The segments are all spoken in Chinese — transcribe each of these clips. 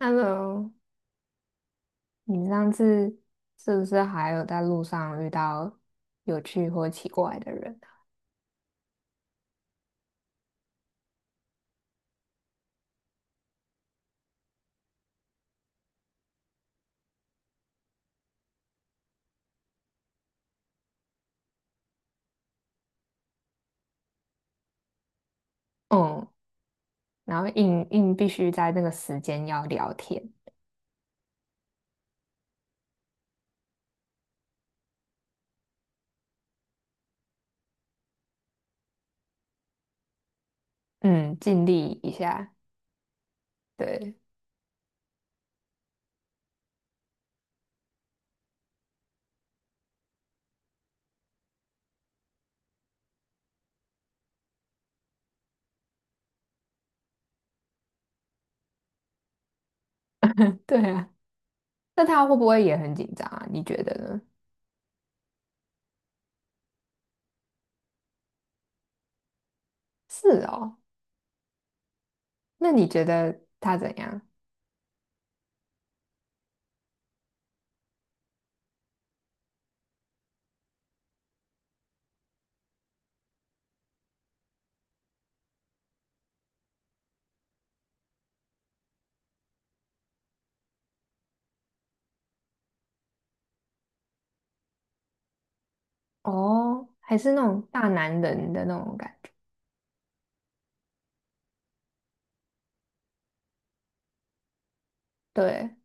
Hello，你上次是不是还有在路上遇到有趣或奇怪的人？嗯，然后硬硬必须在那个时间要聊天，嗯，尽力一下。对，对啊。那他会不会也很紧张啊？你觉得呢？是哦，那你觉得他怎样？哦，还是那种大男人的那种感觉？对，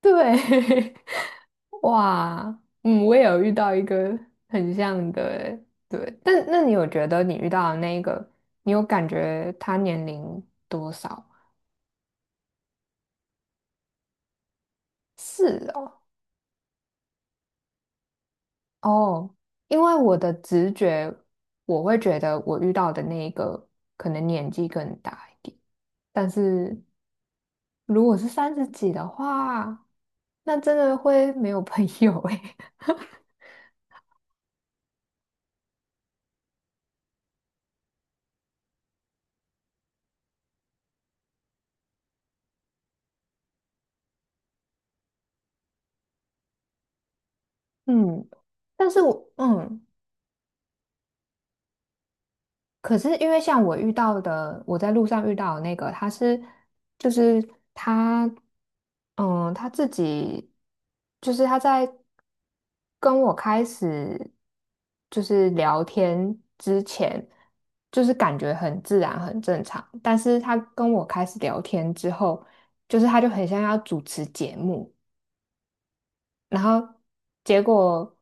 对，哇，嗯，我也有遇到一个很像的欸，对，但那你有觉得你遇到的那一个，你有感觉他年龄多少？是哦，哦，因为我的直觉，我会觉得我遇到的那一个可能年纪更大一点，但是如果是三十几的话，那真的会没有朋友诶。嗯，但是我嗯。可是因为像我遇到的，我在路上遇到的那个，他是就是他，嗯，他自己就是他在跟我开始聊天之前，就是感觉很自然很正常，但是他跟我开始聊天之后，他就很像要主持节目，然后结果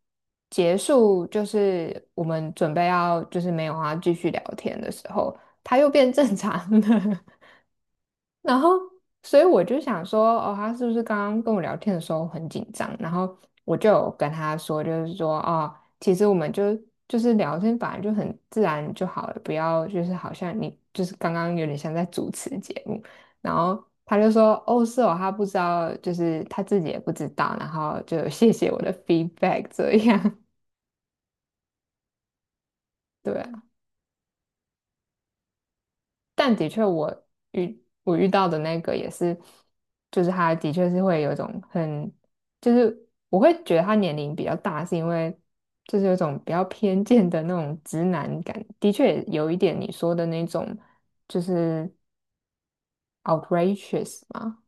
结束，就是我们准备要没有啊，继续聊天的时候，他又变正常了。然后，所以我就想说，哦，他是不是刚刚跟我聊天的时候很紧张？然后我就有跟他说，就是说，哦，其实我们就是聊天，本来就很自然就好了，不要就是好像你就是刚刚有点像在主持节目。然后他就说，哦，是哦，他不知道，就是他自己也不知道，然后就谢谢我的 feedback 这样，对啊，但的确我遇到的那个也是，就是他的确是会有一种很，就是我会觉得他年龄比较大，是因为就是有一种比较偏见的那种直男感，的确有一点你说的那种就是 outrageous 嘛，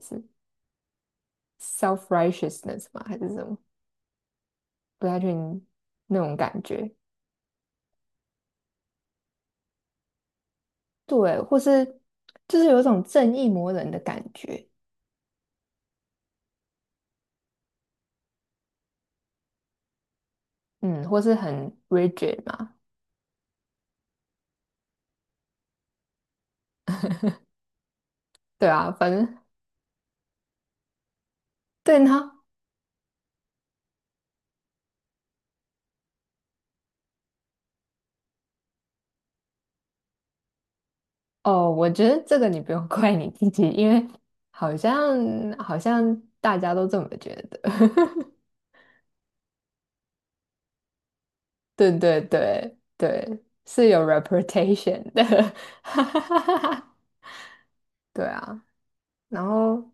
是 self righteousness 吗？还是什么？不太确定那种感觉，对，或是就是有一种正义魔人的感觉，嗯，或是很 rigid 嘛。对啊，反正对呢，哦，我觉得这个你不用 怪你自己，因为好像好像大家都这么觉得。对对对对，是有 reputation 的，哈哈哈哈哈，对啊，然后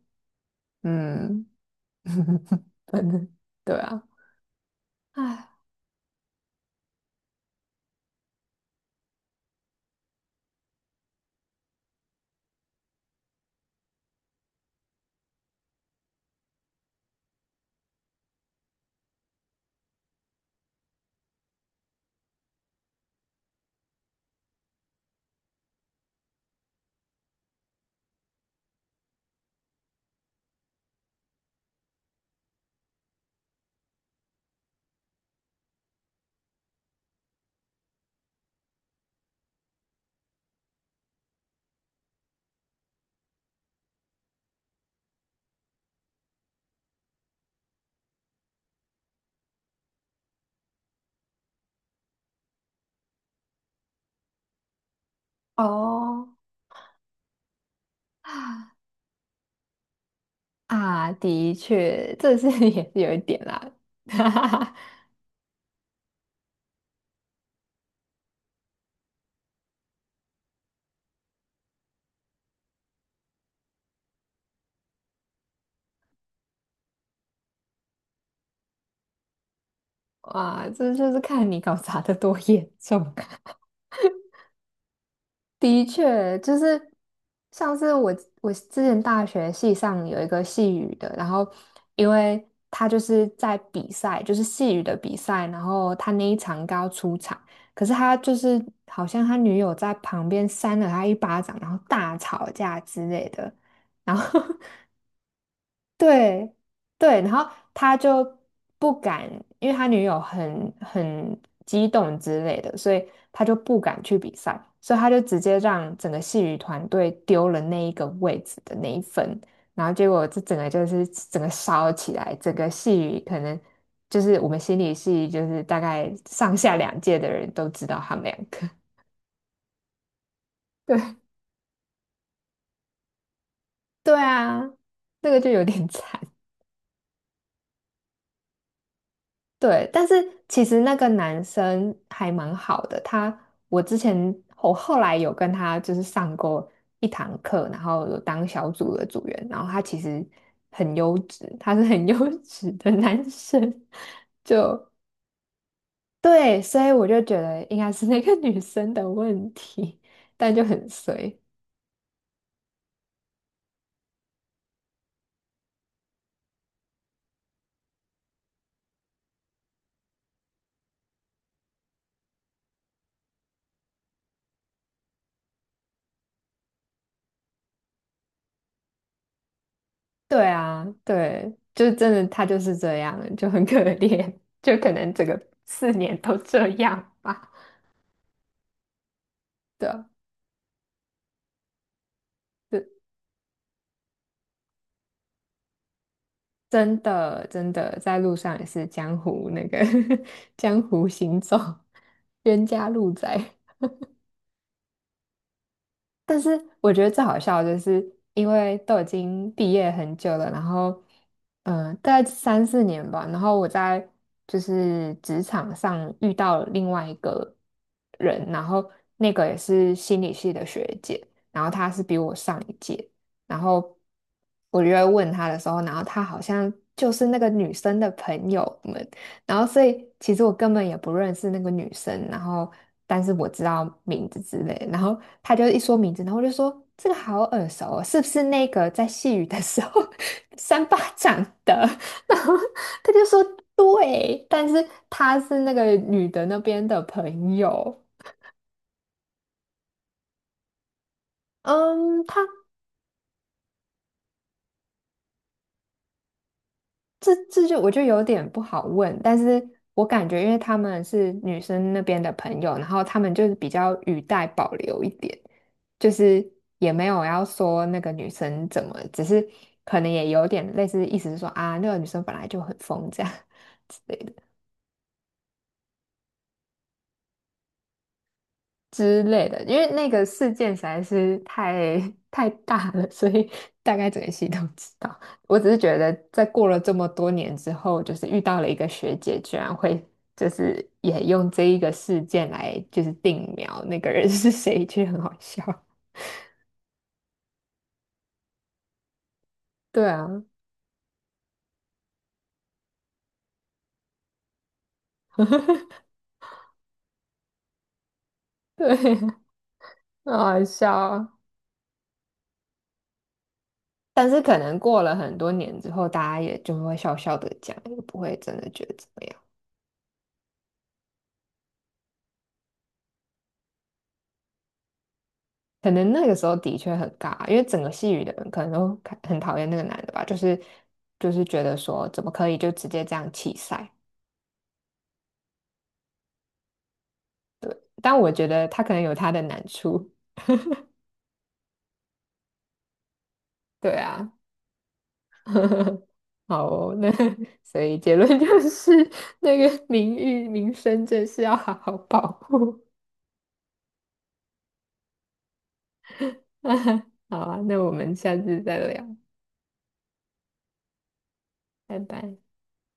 嗯，反正对啊，哎哦啊，的确，这是 也是有一点啦，哈哈哈，哇，这就是看你搞砸的多严重。的确，就是上次我之前大学系上有一个细语的，然后因为他就是在比赛，就是细语的比赛，然后他那一场刚出场，可是他就是好像他女友在旁边扇了他一巴掌，然后大吵架之类的，然后 对对，然后他就不敢，因为他女友很激动之类的，所以他就不敢去比赛，所以他就直接让整个戏剧团队丢了那一个位置的那一份，然后结果这整个就是整个烧起来，整个戏剧可能就是我们心理系就是大概上下两届的人都知道他们两个，对对啊，这个就有点 惨。对，但是其实那个男生还蛮好的，他我之前我后来有跟他就是上过一堂课，然后有当小组的组员，然后他其实很优质，他是很 优质的男生，就对，所以我就觉得应该是那个女生的问题，但就很衰。对啊，对，就真的他就是这样，就很可怜，就可能整个四年都这样吧。对啊。真的在路上也是江湖那个 江湖行走，冤家路窄。但是我觉得最好笑的就是，因为都已经毕业很久了，然后，嗯、大概三四年吧，然后我在职场上遇到了另外一个人，然后那个也是心理系的学姐，然后她是比我上一届，然后我就会问她的时候，然后她好像就是那个女生的朋友们，然后所以其实我根本也不认识那个女生，然后但是我知道名字之类，然后他就一说名字，然后我就说这个好耳熟哦，是不是那个在细雨的时候 三巴掌的？然后他就说对，但是他是那个女的那边的朋友，嗯，他这就我就有点不好问，但是我感觉因为他们是女生那边的朋友，然后他们就是比较语带保留一点，就是也没有要说那个女生怎么，只是可能也有点类似意思是说啊，那个女生本来就很疯这样 之类的，因为那个事件实在是太 太大了，所以 大概整个系统知道。我只是觉得，在过了这么多年之后，就是遇到了一个学姐，居然会就是也用这一个事件来就是定苗那个人是谁，其实很好笑。对啊，对，很好笑啊。但是可能过了很多年之后，大家也就会笑笑的讲，也不会真的觉得怎么样。可能那个时候的确很尬，因为整个戏语的人可能都看很讨厌那个男的吧，就是觉得说怎么可以就直接这样弃赛？但我觉得他可能有他的难处，对啊，好哦，那 所以结论就是那个名誉名声真是要好好保护。好啊，那我们下次再聊，拜拜。